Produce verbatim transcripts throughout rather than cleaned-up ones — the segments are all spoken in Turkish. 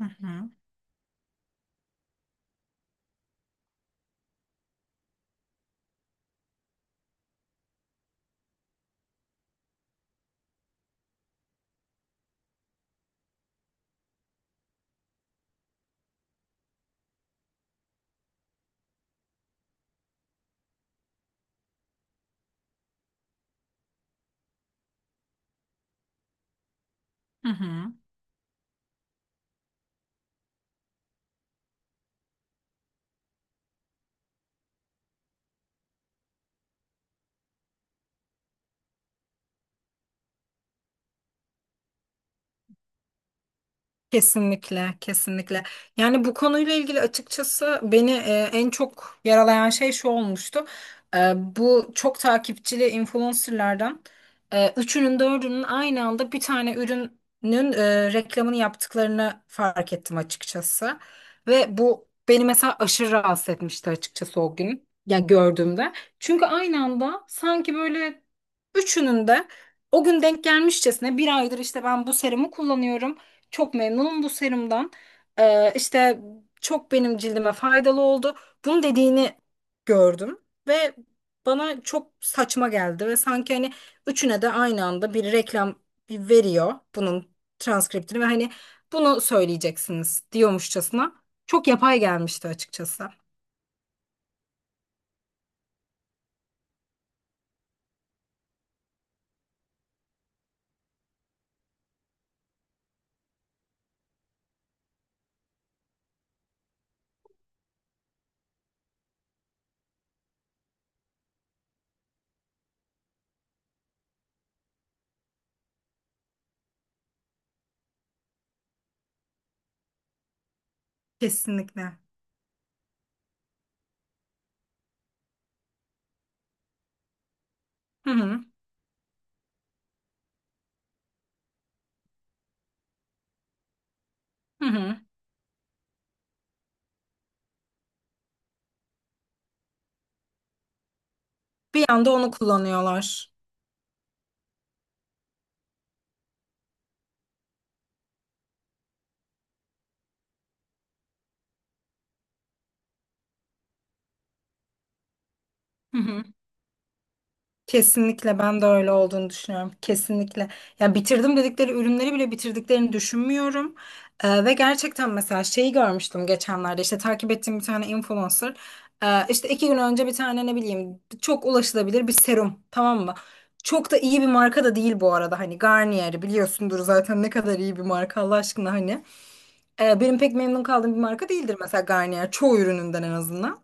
Hı hı. Hı hı. Kesinlikle, kesinlikle. Yani bu konuyla ilgili açıkçası beni e, en çok yaralayan şey şu olmuştu. E, bu çok takipçili influencerlardan e, üçünün dördünün aynı anda bir tane ürünün e, reklamını yaptıklarını fark ettim açıkçası. Ve bu beni mesela aşırı rahatsız etmişti açıkçası o gün. Yani gördüğümde. Çünkü aynı anda sanki böyle üçünün de o gün denk gelmişçesine bir aydır işte ben bu serumu kullanıyorum. Çok memnunum bu serumdan. Ee, işte çok benim cildime faydalı oldu. Bunu dediğini gördüm ve bana çok saçma geldi ve sanki hani üçüne de aynı anda bir reklam veriyor bunun transkriptini ve hani bunu söyleyeceksiniz diyormuşçasına. Çok yapay gelmişti açıkçası. Kesinlikle. Hı hı. Hı hı. Bir anda onu kullanıyorlar. Kesinlikle ben de öyle olduğunu düşünüyorum. Kesinlikle. Ya bitirdim dedikleri ürünleri bile bitirdiklerini düşünmüyorum. Ee, ve gerçekten mesela şeyi görmüştüm geçenlerde işte takip ettiğim bir tane influencer. Ee, işte iki gün önce bir tane ne bileyim çok ulaşılabilir bir serum, tamam mı? Çok da iyi bir marka da değil bu arada, hani Garnier'i biliyorsundur zaten ne kadar iyi bir marka Allah aşkına hani. Ee, benim pek memnun kaldığım bir marka değildir mesela Garnier, çoğu ürününden en azından.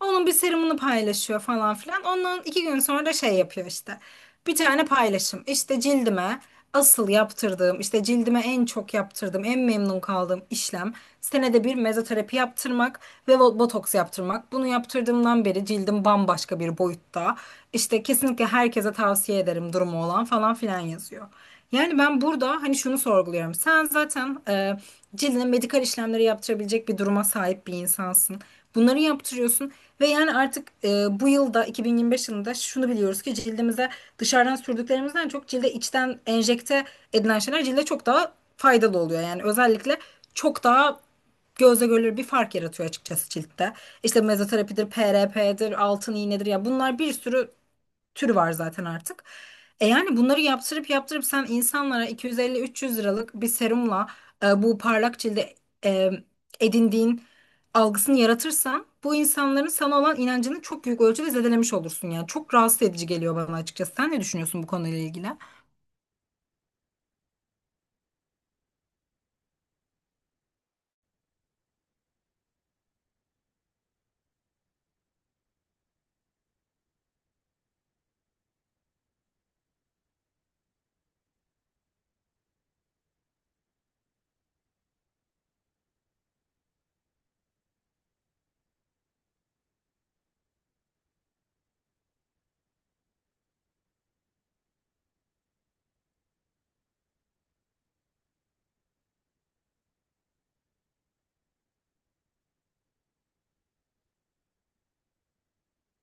Onun bir serumunu paylaşıyor falan filan. Ondan iki gün sonra da şey yapıyor işte. Bir tane paylaşım. İşte cildime asıl yaptırdığım, işte cildime en çok yaptırdığım, en memnun kaldığım işlem senede bir mezoterapi yaptırmak ve bo- botoks yaptırmak. Bunu yaptırdığımdan beri cildim bambaşka bir boyutta. İşte kesinlikle herkese tavsiye ederim, durumu olan falan filan yazıyor. Yani ben burada hani şunu sorguluyorum. Sen zaten e, cildine medikal işlemleri yaptırabilecek bir duruma sahip bir insansın. Bunları yaptırıyorsun ve yani artık e, bu yılda, iki bin yirmi beş yılında, şunu biliyoruz ki cildimize dışarıdan sürdüklerimizden çok cilde içten enjekte edilen şeyler cilde çok daha faydalı oluyor. Yani özellikle çok daha gözle görülür bir fark yaratıyor açıkçası ciltte. İşte mezoterapidir, P R P'dir, altın iğnedir ya, bunlar bir sürü türü var zaten artık. E yani bunları yaptırıp yaptırıp sen insanlara iki yüz elli üç yüz liralık bir serumla e, bu parlak cilde e, edindiğin algısını yaratırsan bu insanların sana olan inancını çok büyük ölçüde zedelemiş olursun yani. Çok rahatsız edici geliyor bana açıkçası. Sen ne düşünüyorsun bu konuyla ilgili?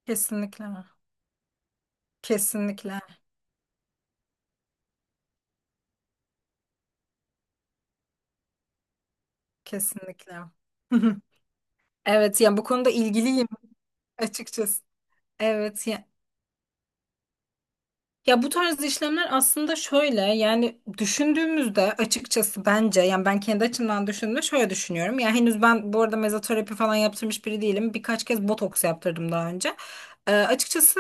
Kesinlikle. Kesinlikle. Kesinlikle. Evet, yani bu konuda ilgiliyim açıkçası. Evet. Ya bu tarz işlemler aslında şöyle, yani düşündüğümüzde açıkçası bence, yani ben kendi açımdan düşündüğümde şöyle düşünüyorum. Ya henüz ben bu arada mezoterapi falan yaptırmış biri değilim. Birkaç kez botoks yaptırdım daha önce. Ee, açıkçası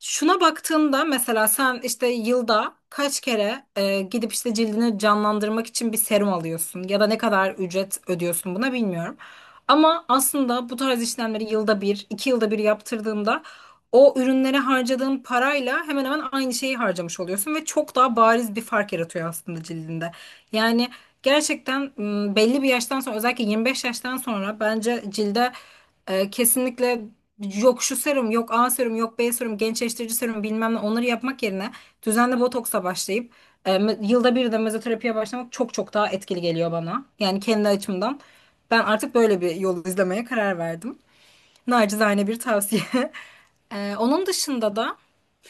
şuna baktığımda mesela sen işte yılda kaç kere e, gidip işte cildini canlandırmak için bir serum alıyorsun ya da ne kadar ücret ödüyorsun buna, bilmiyorum. Ama aslında bu tarz işlemleri yılda bir, iki yılda bir yaptırdığında o ürünlere harcadığın parayla hemen hemen aynı şeyi harcamış oluyorsun ve çok daha bariz bir fark yaratıyor aslında cildinde. Yani gerçekten m, belli bir yaştan sonra, özellikle yirmi beş yaştan sonra, bence cilde e, kesinlikle yok şu serum, yok A serum, yok B serum, gençleştirici serum bilmem ne, onları yapmak yerine düzenli botoksa başlayıp e, me- yılda bir de mezoterapiye başlamak çok çok daha etkili geliyor bana. Yani kendi açımdan ben artık böyle bir yol izlemeye karar verdim. Nacizane bir tavsiye. Ee, onun dışında da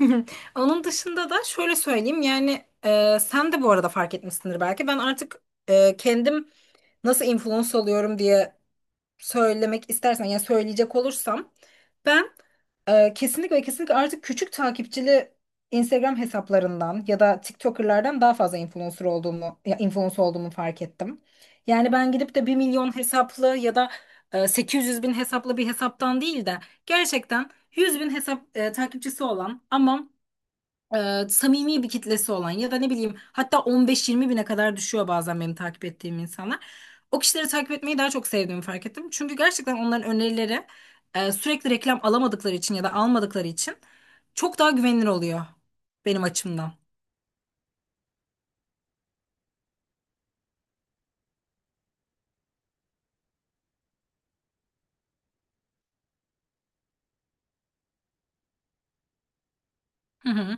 onun dışında da şöyle söyleyeyim yani, e, sen de bu arada fark etmişsindir belki. Ben artık e, kendim nasıl influence oluyorum diye söylemek istersen, yani söyleyecek olursam, ben e, kesinlikle ve kesinlikle artık küçük takipçili Instagram hesaplarından ya da TikToker'lardan daha fazla influencer olduğumu, ya influencer olduğumu fark ettim. Yani ben gidip de bir milyon hesaplı ya da e, sekiz yüz bin hesaplı bir hesaptan değil de gerçekten yüz bin hesap e, takipçisi olan ama e, samimi bir kitlesi olan, ya da ne bileyim, hatta on beş yirmi bine kadar düşüyor bazen benim takip ettiğim insanlar. O kişileri takip etmeyi daha çok sevdiğimi fark ettim. Çünkü gerçekten onların önerileri e, sürekli reklam alamadıkları için ya da almadıkları için çok daha güvenilir oluyor benim açımdan. Hı hı.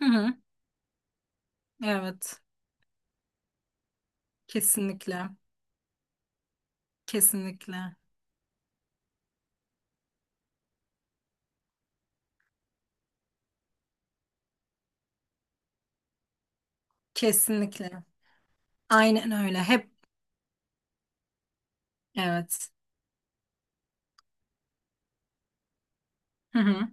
Hı hı. Evet. Kesinlikle. Kesinlikle. Kesinlikle. Aynen öyle. Hep evet. Hı hı.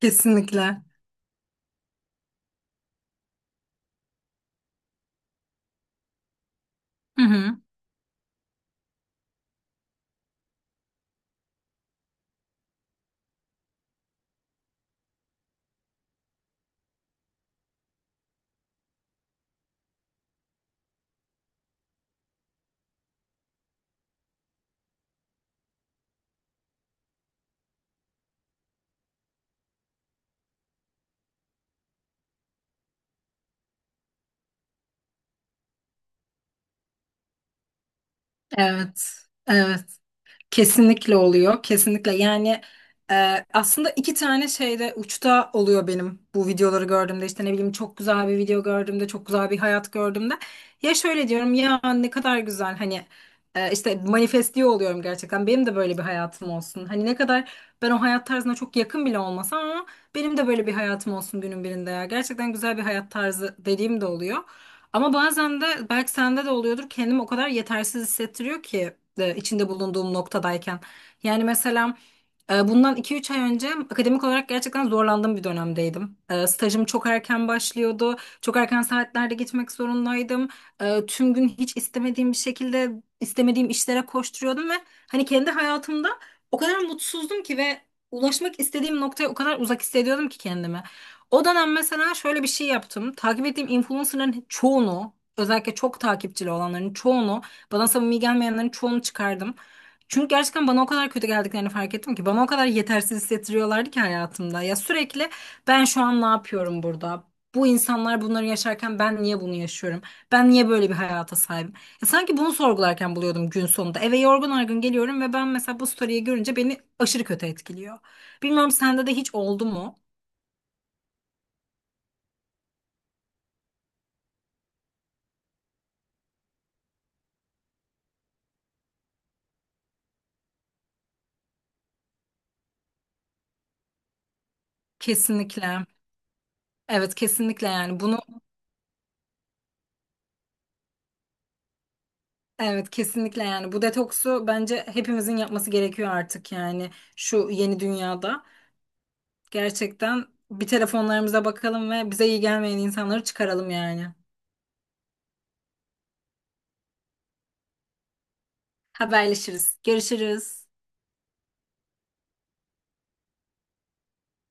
Kesinlikle. Hı hı. Evet, evet. Kesinlikle oluyor, kesinlikle. Yani e, aslında iki tane şeyde uçta oluyor benim bu videoları gördüğümde. İşte ne bileyim, çok güzel bir video gördüğümde, çok güzel bir hayat gördüğümde. Ya şöyle diyorum, ya ne kadar güzel, hani e, işte manifestliyor oluyorum gerçekten. Benim de böyle bir hayatım olsun. Hani ne kadar ben o hayat tarzına çok yakın bile olmasam ama benim de böyle bir hayatım olsun günün birinde ya. Gerçekten güzel bir hayat tarzı dediğim de oluyor. Ama bazen de, belki sende de oluyordur, kendimi o kadar yetersiz hissettiriyor ki e, içinde bulunduğum noktadayken. Yani mesela e, bundan iki üç ay önce akademik olarak gerçekten zorlandığım bir dönemdeydim. E, Stajım çok erken başlıyordu. Çok erken saatlerde gitmek zorundaydım. E, Tüm gün hiç istemediğim bir şekilde istemediğim işlere koşturuyordum ve hani kendi hayatımda o kadar mutsuzdum ki ve ulaşmak istediğim noktaya o kadar uzak hissediyordum ki kendimi. O dönem mesela şöyle bir şey yaptım. Takip ettiğim influencerların çoğunu, özellikle çok takipçili olanların çoğunu, bana samimi gelmeyenlerin çoğunu çıkardım. Çünkü gerçekten bana o kadar kötü geldiklerini fark ettim ki, bana o kadar yetersiz hissettiriyorlardı ki hayatımda. Ya sürekli, ben şu an ne yapıyorum burada? Bu insanlar bunları yaşarken ben niye bunu yaşıyorum? Ben niye böyle bir hayata sahibim? Ya sanki bunu sorgularken buluyordum gün sonunda. Eve yorgun argın geliyorum ve ben mesela bu story'yi görünce beni aşırı kötü etkiliyor. Bilmiyorum, sende de hiç oldu mu? Kesinlikle. Evet kesinlikle yani bunu, evet kesinlikle yani bu detoksu bence hepimizin yapması gerekiyor artık yani şu yeni dünyada. Gerçekten bir telefonlarımıza bakalım ve bize iyi gelmeyen insanları çıkaralım yani. Haberleşiriz. Görüşürüz.